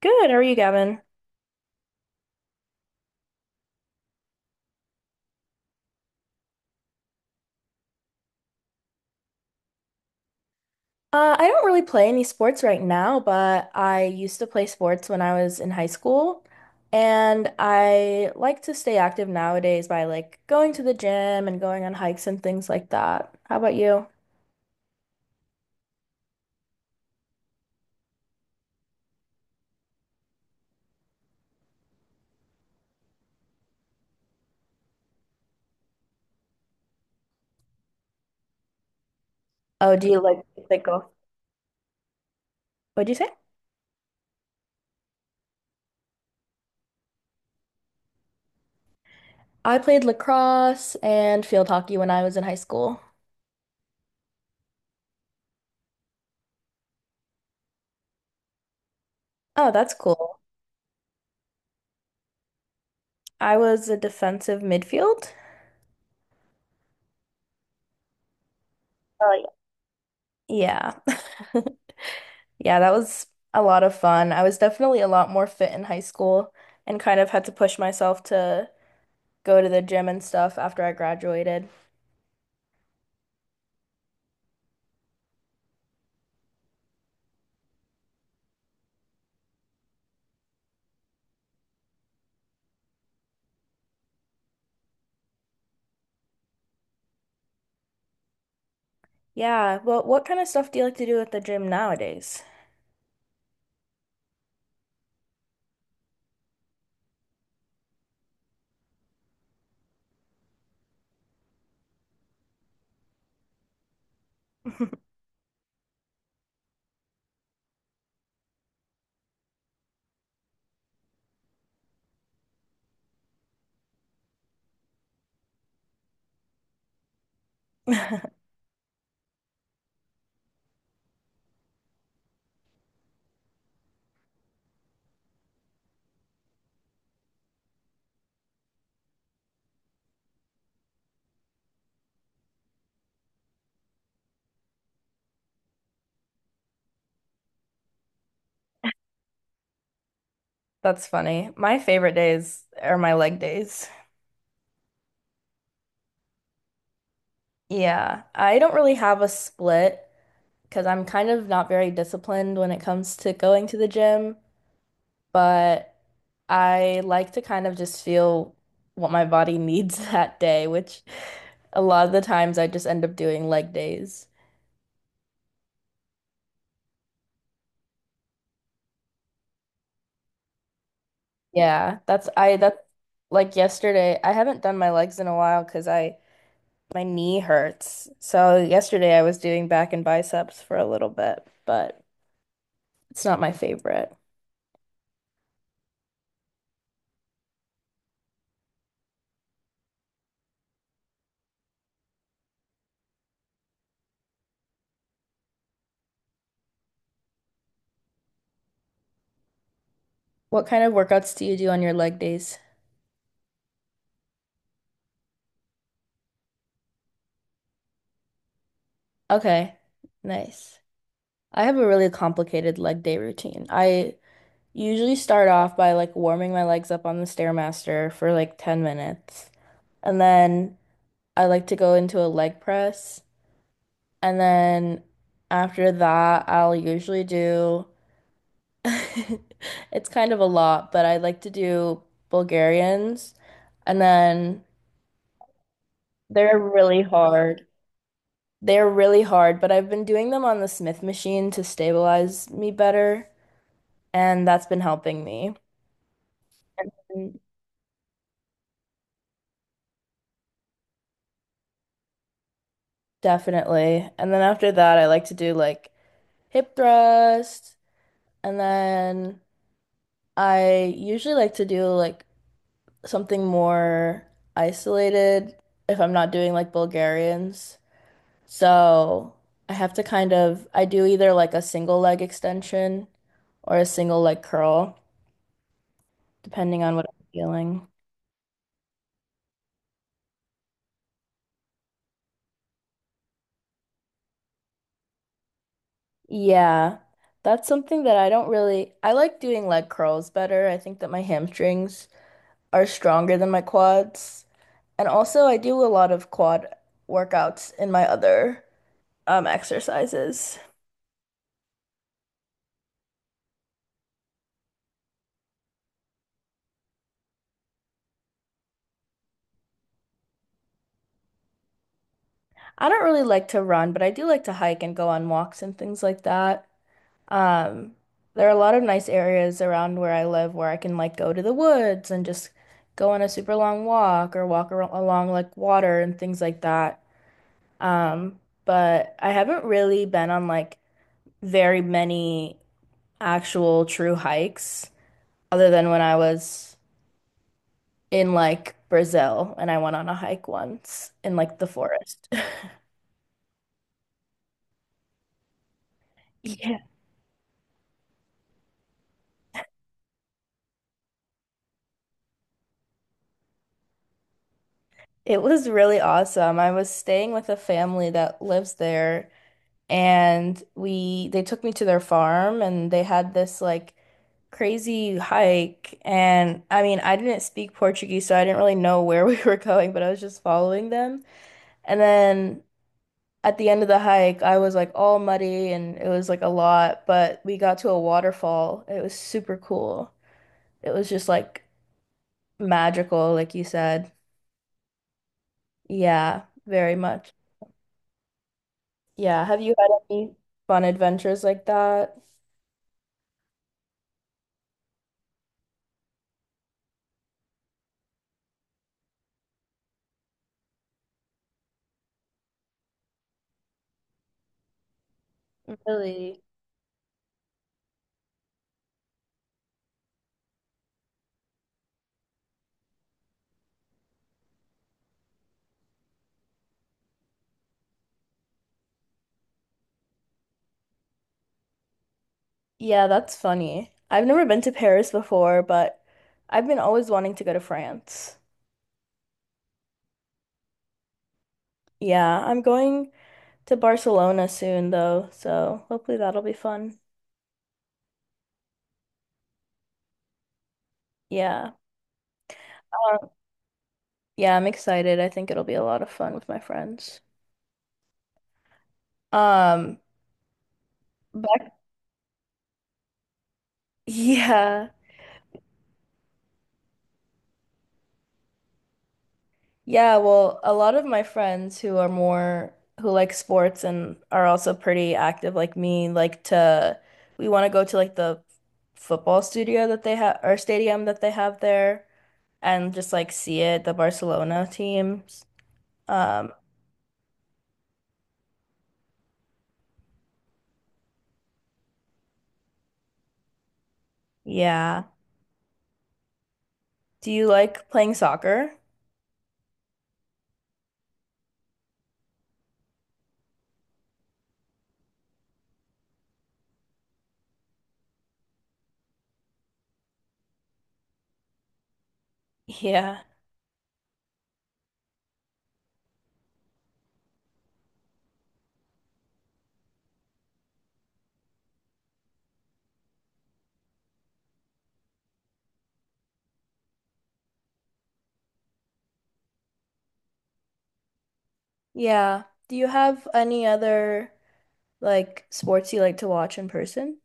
Good, how are you, Gavin? I don't really play any sports right now, but I used to play sports when I was in high school. And I like to stay active nowadays by like going to the gym and going on hikes and things like that. How about you? Oh, do you like golf? What'd you say? I played lacrosse and field hockey when I was in high school. Oh, that's cool. I was a defensive midfield. Oh, yeah. Yeah. Yeah, that was a lot of fun. I was definitely a lot more fit in high school and kind of had to push myself to go to the gym and stuff after I graduated. Yeah, well, what kind of stuff do you like to do at the gym nowadays? That's funny. My favorite days are my leg days. Yeah, I don't really have a split because I'm kind of not very disciplined when it comes to going to the gym, but I like to kind of just feel what my body needs that day, which a lot of the times I just end up doing leg days. Yeah, that's like yesterday. I haven't done my legs in a while because I my knee hurts. So yesterday I was doing back and biceps for a little bit, but it's not my favorite. What kind of workouts do you do on your leg days? Okay, nice. I have a really complicated leg day routine. I usually start off by like warming my legs up on the Stairmaster for like 10 minutes. And then I like to go into a leg press. And then after that, I'll usually do it's kind of a lot, but I like to do Bulgarians. And then they're really hard. They're really hard, but I've been doing them on the Smith machine to stabilize me better, and that's been helping me. Definitely. And then after that, I like to do like hip thrust. And then I usually like to do like something more isolated if I'm not doing like Bulgarians. So I have to kind of, I do either like a single leg extension or a single leg curl, depending on what I'm feeling. Yeah, that's something that I don't really, I like doing leg curls better. I think that my hamstrings are stronger than my quads. And also, I do a lot of quad workouts in my other exercises. I don't really like to run, but I do like to hike and go on walks and things like that. Um, there are a lot of nice areas around where I live where I can like go to the woods and just go on a super long walk or walk ar along like water and things like that. But I haven't really been on like very many actual true hikes other than when I was in like Brazil and I went on a hike once in like the forest. Yeah. It was really awesome. I was staying with a family that lives there and we they took me to their farm and they had this like crazy hike, and I mean I didn't speak Portuguese so I didn't really know where we were going, but I was just following them. And then at the end of the hike I was like all muddy and it was like a lot, but we got to a waterfall. It was super cool. It was just like magical, like you said. Yeah, very much. Yeah. Have you had any fun adventures like that? Really? Yeah, that's funny. I've never been to Paris before, but I've been always wanting to go to France. Yeah, I'm going to Barcelona soon though, so hopefully that'll be fun. Yeah. Um, yeah, I'm excited. I think it'll be a lot of fun with my friends. Um, back, yeah. Yeah, well, a lot of my friends who are more who like sports and are also pretty active like me like to we want to go to like the football studio that they have or stadium that they have there and just like see it, the Barcelona teams. Um, yeah. Do you like playing soccer? Yeah. Yeah. Do you have any other like sports you like to watch in person?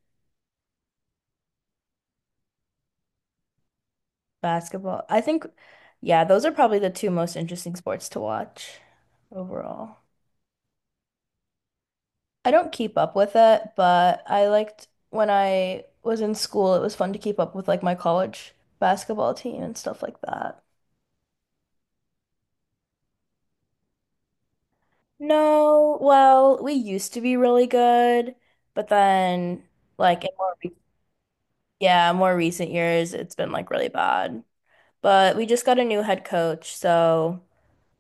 Basketball. I think, yeah, those are probably the two most interesting sports to watch overall. I don't keep up with it, but I liked when I was in school, it was fun to keep up with like my college basketball team and stuff like that. No, well, we used to be really good, but then like in more re yeah, more recent years, it's been like really bad. But we just got a new head coach, so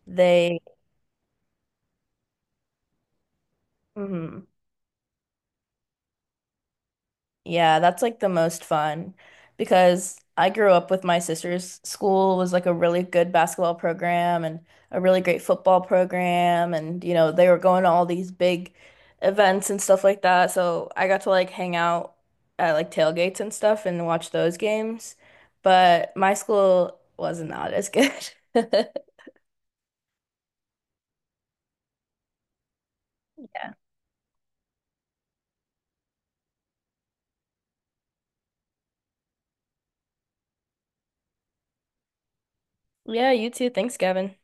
they mhm. Yeah, that's like the most fun because I grew up with my sister's school was like a really good basketball program and a really great football program, and you know they were going to all these big events and stuff like that. So I got to like hang out at like tailgates and stuff and watch those games. But my school was not as good. Yeah, you too. Thanks, Gavin.